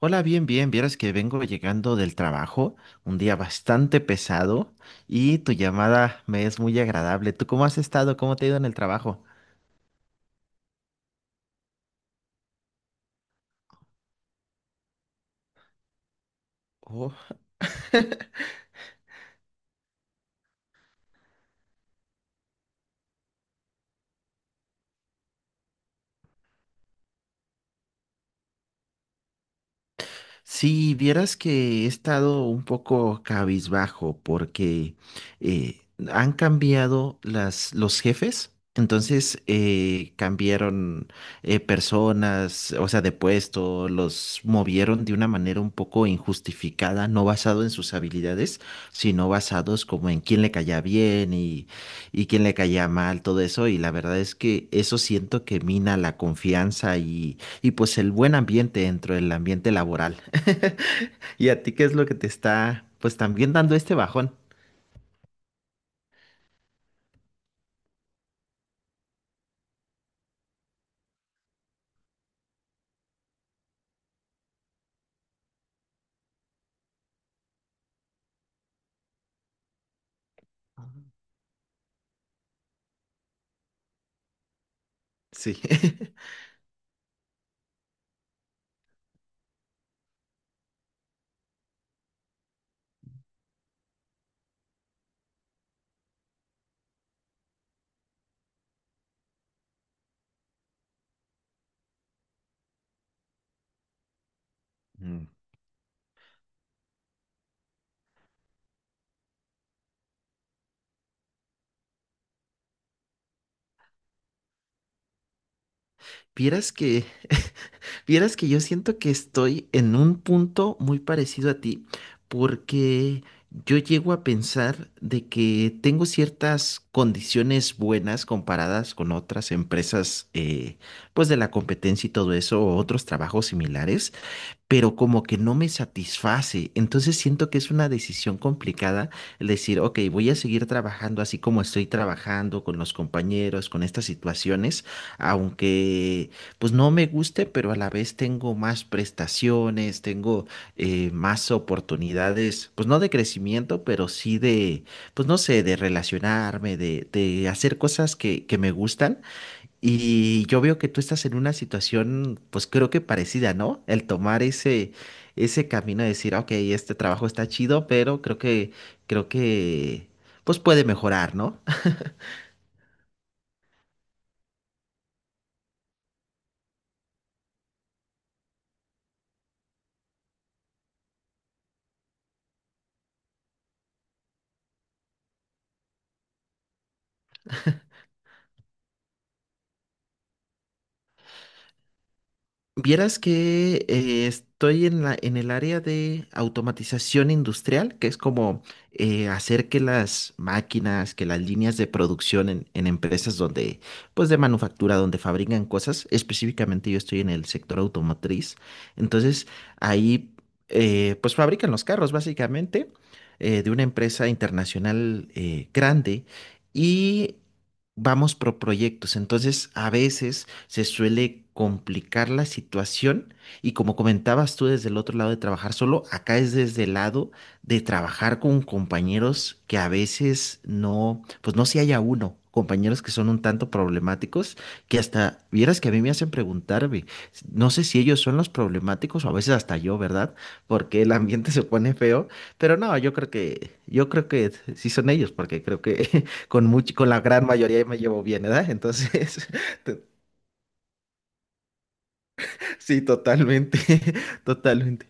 Hola, bien, bien. Vieras que vengo llegando del trabajo, un día bastante pesado y tu llamada me es muy agradable. ¿Tú cómo has estado? ¿Cómo te ha ido en el trabajo? Si vieras que he estado un poco cabizbajo porque eh, han cambiado los jefes, entonces cambiaron personas, o sea, de puesto, los movieron de una manera un poco injustificada, no basado en sus habilidades, sino basados como en quién le caía bien y quién le caía mal, todo eso, y la verdad es que eso siento que mina la confianza y pues el buen ambiente dentro del ambiente laboral. ¿Y a ti qué es lo que te está pues también dando este bajón? Sí. Mm. Vieras que, vieras que yo siento que estoy en un punto muy parecido a ti, porque yo llego a pensar de que tengo ciertas condiciones buenas comparadas con otras empresas, pues de la competencia y todo eso, o otros trabajos similares, pero como que no me satisface. Entonces siento que es una decisión complicada el decir, ok, voy a seguir trabajando así como estoy trabajando con los compañeros, con estas situaciones, aunque pues no me guste, pero a la vez tengo más prestaciones, tengo más oportunidades, pues no de crecimiento, pero sí de, pues no sé, de relacionarme, de hacer cosas que me gustan y yo veo que tú estás en una situación, pues creo que parecida, ¿no? El tomar ese, ese camino de decir, ok, este trabajo está chido, pero creo que, pues puede mejorar, ¿no? Vieras que estoy en la, en el área de automatización industrial, que es como hacer que las máquinas, que las líneas de producción en empresas donde, pues de manufactura, donde fabrican cosas, específicamente yo estoy en el sector automotriz, entonces ahí pues fabrican los carros básicamente de una empresa internacional grande y vamos por proyectos, entonces a veces se suele complicar la situación y como comentabas tú desde el otro lado de trabajar solo, acá es desde el lado de trabajar con compañeros que a veces no, pues no si haya uno. Compañeros que son un tanto problemáticos, que hasta vieras que a mí me hacen preguntarme, no sé si ellos son los problemáticos o a veces hasta yo, ¿verdad? Porque el ambiente se pone feo, pero no, yo creo que sí son ellos, porque creo que con la gran mayoría me llevo bien, ¿verdad? Entonces, te- Sí, totalmente, totalmente.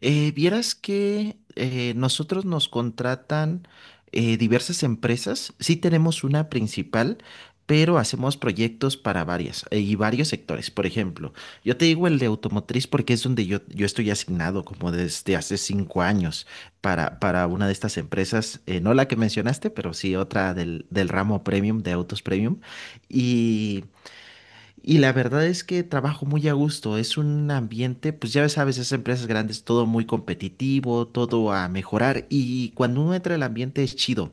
Vieras que nosotros nos contratan diversas empresas. Sí tenemos una principal, pero hacemos proyectos para varias y varios sectores. Por ejemplo, yo te digo el de automotriz porque es donde yo estoy asignado como desde hace 5 años para una de estas empresas, no la que mencionaste, pero sí otra del ramo premium, de autos premium. Y... Y la verdad es que trabajo muy a gusto. Es un ambiente, pues ya sabes, esas empresas grandes, todo muy competitivo, todo a mejorar. Y cuando uno entra al ambiente es chido.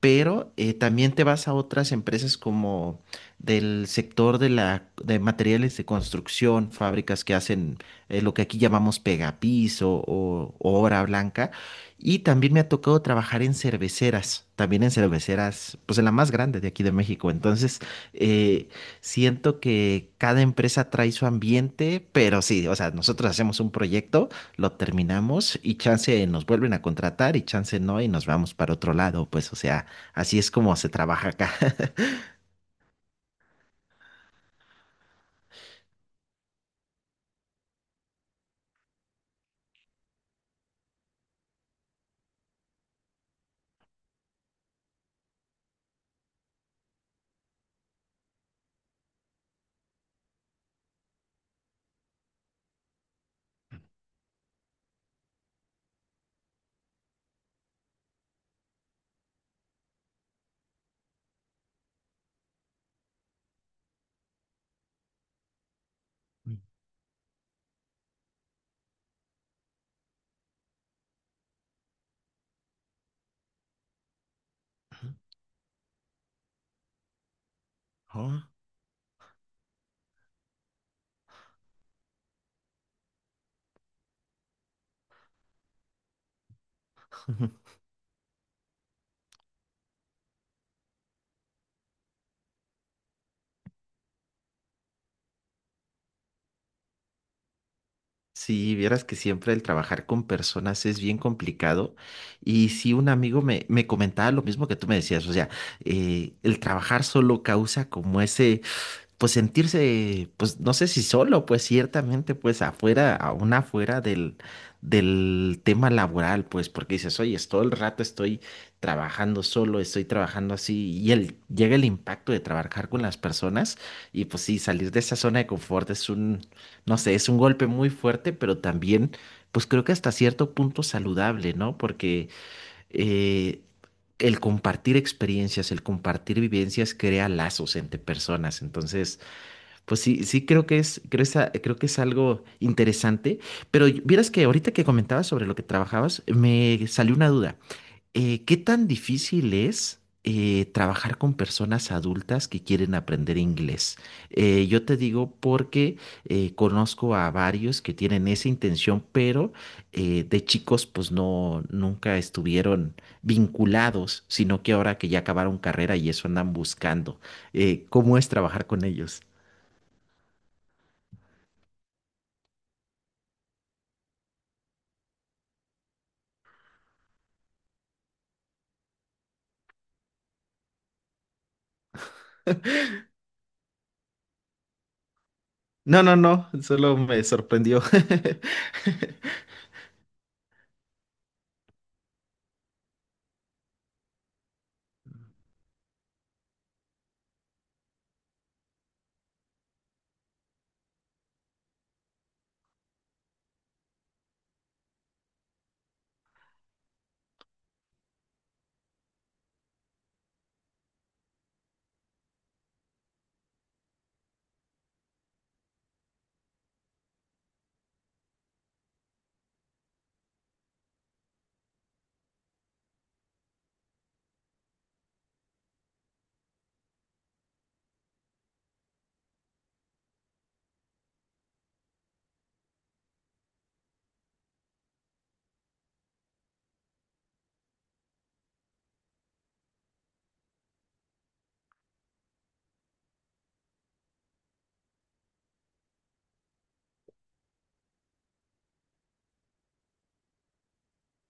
Pero también te vas a otras empresas como del sector de materiales de construcción, fábricas que hacen lo que aquí llamamos pegapiso o obra blanca. Y también me ha tocado trabajar en cerveceras, también en cerveceras, pues en la más grande de aquí de México. Entonces, eh, Siento que cada empresa trae su ambiente, pero sí, o sea, nosotros hacemos un proyecto, lo terminamos y chance nos vuelven a contratar y chance no y nos vamos para otro lado, pues, o sea, así es como se trabaja acá. Ujú. Oh. Sí, vieras que siempre el trabajar con personas es bien complicado. Y si un amigo me comentaba lo mismo que tú me decías, o sea, el trabajar solo causa como ese pues sentirse, pues no sé si solo, pues ciertamente, pues afuera, aún afuera del tema laboral, pues porque dices, oye, es todo el rato estoy trabajando solo, estoy trabajando así, y el, llega el impacto de trabajar con las personas, y pues sí, salir de esa zona de confort es un, no sé, es un golpe muy fuerte, pero también, pues creo que hasta cierto punto saludable, ¿no? Porque eh, el compartir experiencias, el compartir vivencias crea lazos entre personas, entonces... Pues sí, sí creo que es, creo, creo que es algo interesante, pero vieras que ahorita que comentabas sobre lo que trabajabas, me salió una duda. ¿Qué tan difícil es trabajar con personas adultas que quieren aprender inglés? Yo te digo porque conozco a varios que tienen esa intención, pero de chicos pues no, nunca estuvieron vinculados, sino que ahora que ya acabaron carrera y eso andan buscando. ¿Cómo es trabajar con ellos? No, no, no, solo me sorprendió.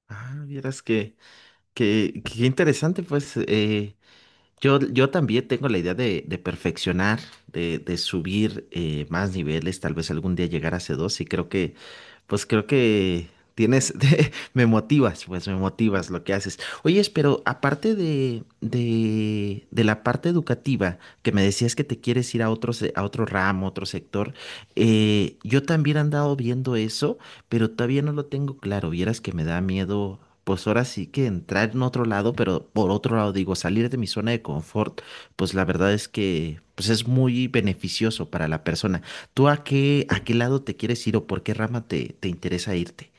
Ah, vieras que, interesante, pues yo también tengo la idea de perfeccionar, de subir más niveles, tal vez algún día llegar a C2 y creo que pues creo que tienes, me motivas, pues me motivas lo que haces. Oye, pero aparte de la parte educativa, que me decías que te quieres ir a otro ramo, otro sector, yo también he andado viendo eso, pero todavía no lo tengo claro. Vieras que me da miedo, pues ahora sí que entrar en otro lado, pero por otro lado digo, salir de mi zona de confort, pues la verdad es que pues es muy beneficioso para la persona. ¿Tú a qué lado te quieres ir o por qué rama te interesa irte?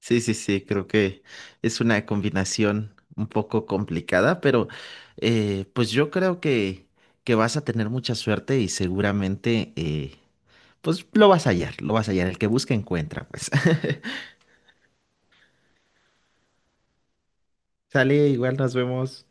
Sí, sí, sí, creo que es una combinación un poco complicada, pero pues yo creo que vas a tener mucha suerte y seguramente pues lo vas a hallar, lo vas a hallar. El que busca encuentra, pues. Sale, igual nos vemos.